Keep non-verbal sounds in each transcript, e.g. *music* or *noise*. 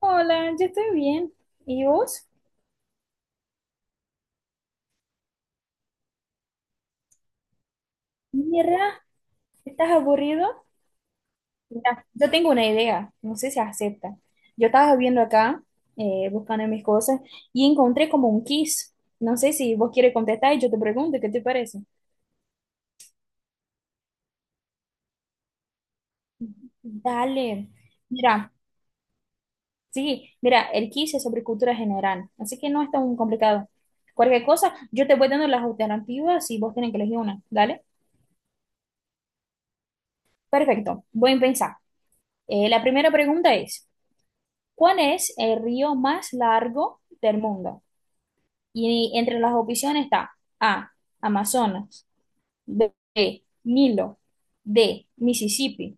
Hola, yo estoy bien. ¿Y vos? Mira, ¿estás aburrido? Mira, yo tengo una idea, no sé si acepta. Yo estaba viendo acá, buscando mis cosas, y encontré como un quiz. No sé si vos quieres contestar y yo te pregunto, ¿qué te parece? Dale. Mira, sí, mira, el quiz es sobre cultura general, así que no es tan complicado. Cualquier cosa, yo te voy dando las alternativas y vos tenés que elegir una, ¿dale? Perfecto, voy a pensar. La primera pregunta es: ¿Cuál es el río más largo del mundo? Y entre las opciones está A, Amazonas, B, Nilo, D, Mississippi.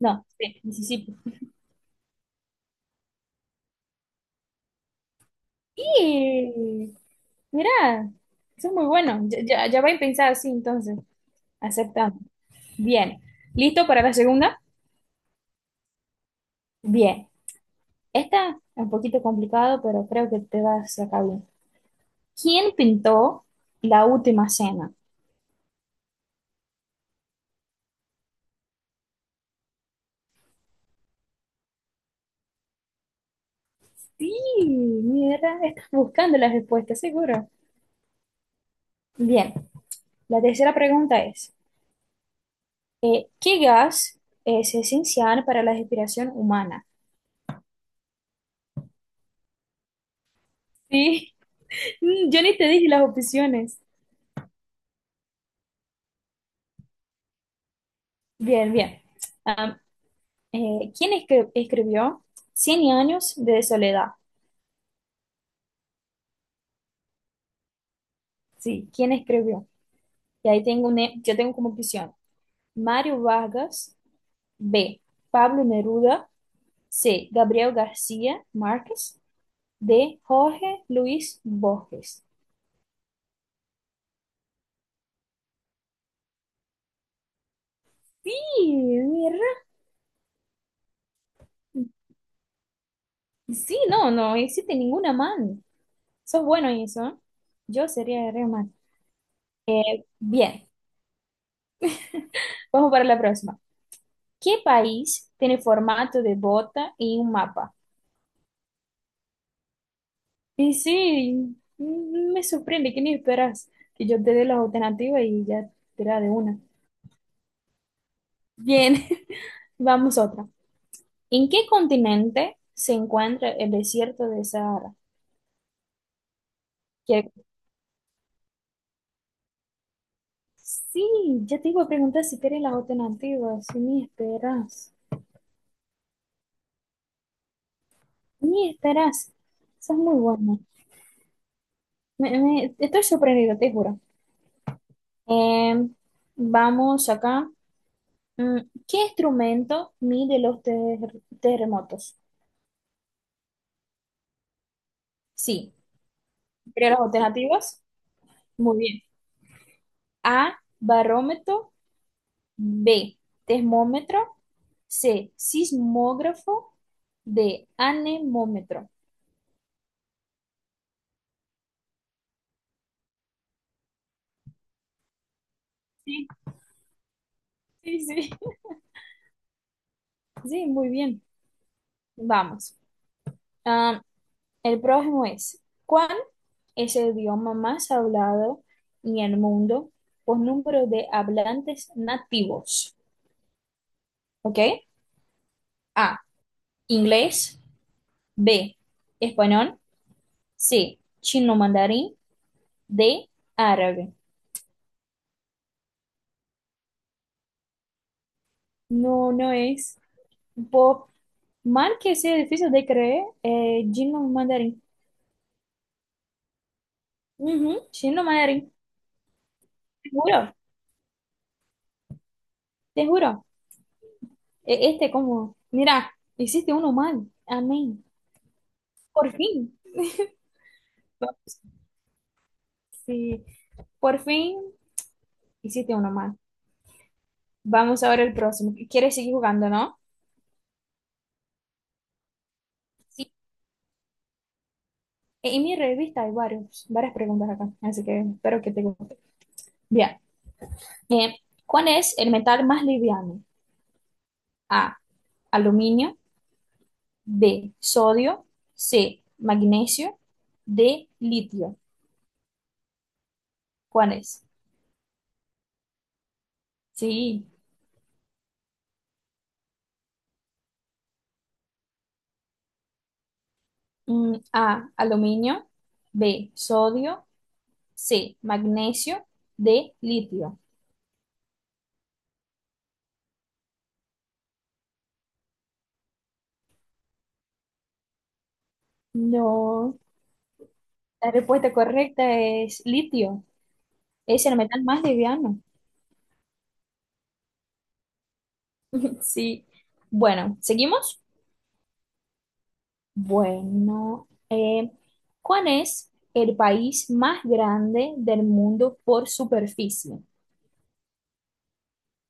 No, C, Mississippi. Y mira, eso es muy bueno. Ya, ya, ya voy a pensar así, entonces. Aceptamos. Bien. ¿Listo para la segunda? Bien. Esta es un poquito complicado, pero creo que te vas a sacar bien. ¿Quién pintó la última cena? Sí, mira, estás buscando la respuesta, seguro. Bien, la tercera pregunta es, ¿qué gas es esencial para la respiración humana? Sí, *laughs* yo ni te dije las opciones. Bien, bien. Am, ¿Quién escribió Cien años de soledad? Sí, ¿quién escribió? Y ahí tengo un yo tengo como opción Mario Vargas, B, Pablo Neruda, C, Gabriel García Márquez, D, Jorge Luis Borges. Sí, mira. Sí, no, no existe ninguna man. Sos bueno en eso, ¿eh? Yo sería re man. Bien, vamos para la próxima. ¿Qué país tiene formato de bota y un mapa? Y sí, me sorprende que ni esperas que yo te dé las alternativas y ya te da de una. Bien, *laughs* vamos otra. ¿En qué continente se encuentra el desierto de Sahara? Que- Sí, ya te iba a preguntar si querés las alternativas, si ni esperas. Y estarás. Eso es muy bueno. Estoy sorprendido, te juro. Eh, Vamos acá. Mm, ¿Qué instrumento mide los terremotos? Sí. Pero las alternativas. Muy bien. A, barómetro. B, termómetro. C, sismógrafo. D, anemómetro. Sí, sí, sí. *laughs* Sí, muy bien. Vamos. Ah, el próximo es, ¿cuál es el idioma más hablado en el mundo por número de hablantes nativos? ¿Ok? A, inglés, B, español, C, chino mandarín, D, árabe. No, no es. Por mal que sea difícil de creer, chino mandarín. Ujú, chino mandarín. Te juro, te juro. Este como, mira, hiciste uno mal. Amén. Por fin. Sí, por fin hiciste uno más. Vamos ahora ver el próximo. ¿Quieres seguir jugando, no? Sí, en mi revista hay varias preguntas acá, así que espero que te guste. Bien. Eh, ¿Cuál es el metal más liviano? A, aluminio, B, sodio, C, magnesio, D, litio. ¿Cuál es? Sí, A, aluminio, B, sodio, C, magnesio, D, litio. No. La respuesta correcta es litio. Es el metal más liviano. *laughs* Sí. Bueno, ¿seguimos? Bueno, ¿cuál es el país más grande del mundo por superficie?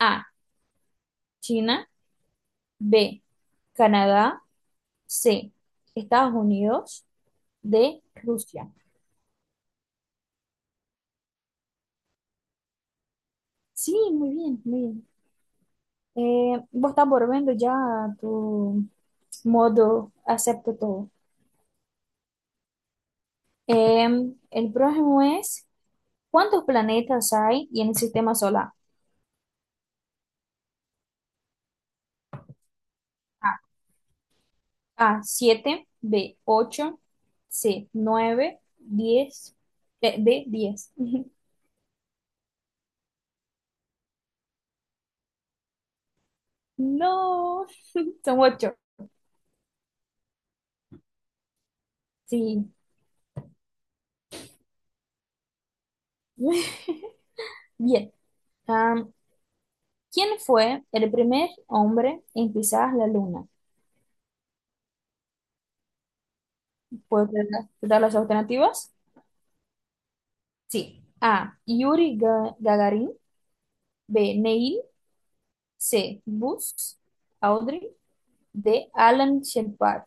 A, China, B, Canadá, C, Estados Unidos, D, Rusia. Sí, muy bien, muy bien. Vos estás volviendo ya a tu modo, acepto todo. Eh, el próximo es: ¿Cuántos planetas hay en el sistema solar? A, 7, B, 8, C, 9, 10, D, 10. *laughs* No, *laughs* son 8. Sí. *laughs* Bien. Am, ¿Quién fue el primer hombre en pisar la luna? ¿Puedo dar las alternativas? Sí. A, Yuri Gagarin, B, Neil, C, Buzz, Aldrin, D, Alan Shepard.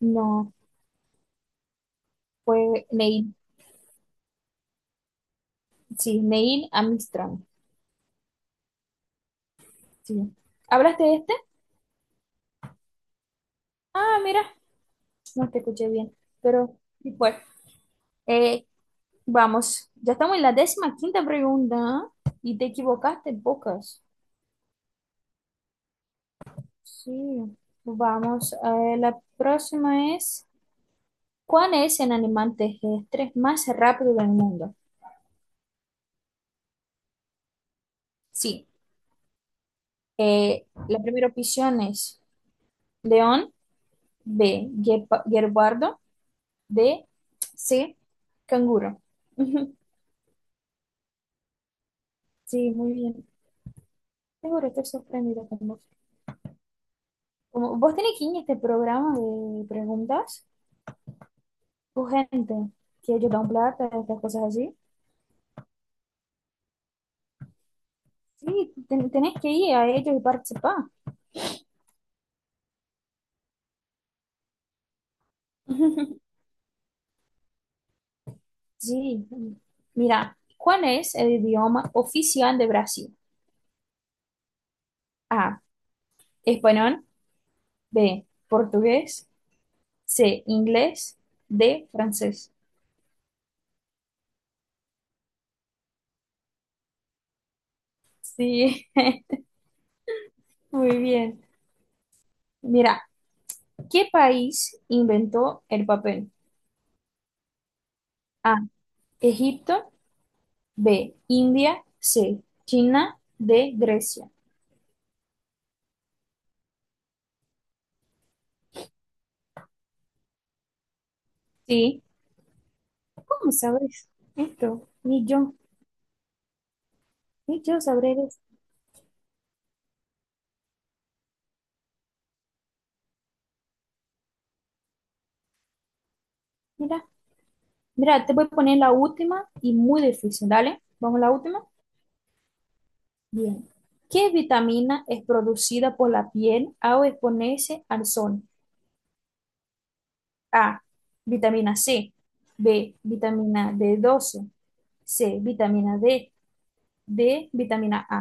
No, fue Neil. Sí, Neil Armstrong. Sí. ¿Hablaste de este? Ah, mira, no te escuché bien, pero sí fue. Eh, Vamos, ya estamos en la 15.ª pregunta, ¿eh? Y te equivocaste pocas. Sí, vamos, la próxima es, ¿cuál es el animal terrestre más rápido del mundo? Sí, la primera opción es león, B, guepardo, D, C, canguro. *laughs* Sí, muy bien. Seguro, estoy sorprendida con vos. Como vos tenés que ir a este programa de preguntas tu gente que ellos dan plata, estas cosas así. Sí, tenés que ir a ellos y participar. *laughs* Sí. Mira, ¿cuál es el idioma oficial de Brasil? A, español, B, portugués, C, inglés, D, francés. Sí, *laughs* muy bien. Mira, ¿qué país inventó el papel? A, Egipto, B. India. C. China. D. Grecia. Sí. ¿Cómo sabes esto? Ni yo. Ni yo sabré de esto. Mira. Mira, te voy a poner la última y muy difícil. Dale. Vamos a la última. Bien. ¿Qué vitamina es producida por la piel al exponerse al sol? A. Vitamina C. B. Vitamina d 12. C. Vitamina D. D. Vitamina A.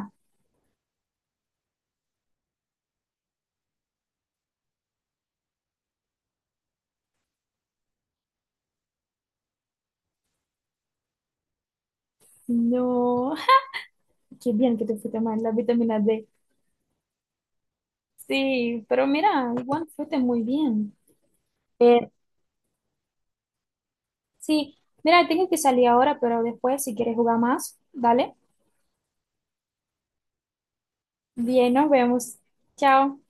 No. *laughs* Qué bien que te fuiste mal. La vitamina D. Sí, pero mira, igual fuiste muy bien. Eh, sí, mira, tengo que salir ahora, pero después si quieres jugar más, dale. Bien, nos vemos. Chao.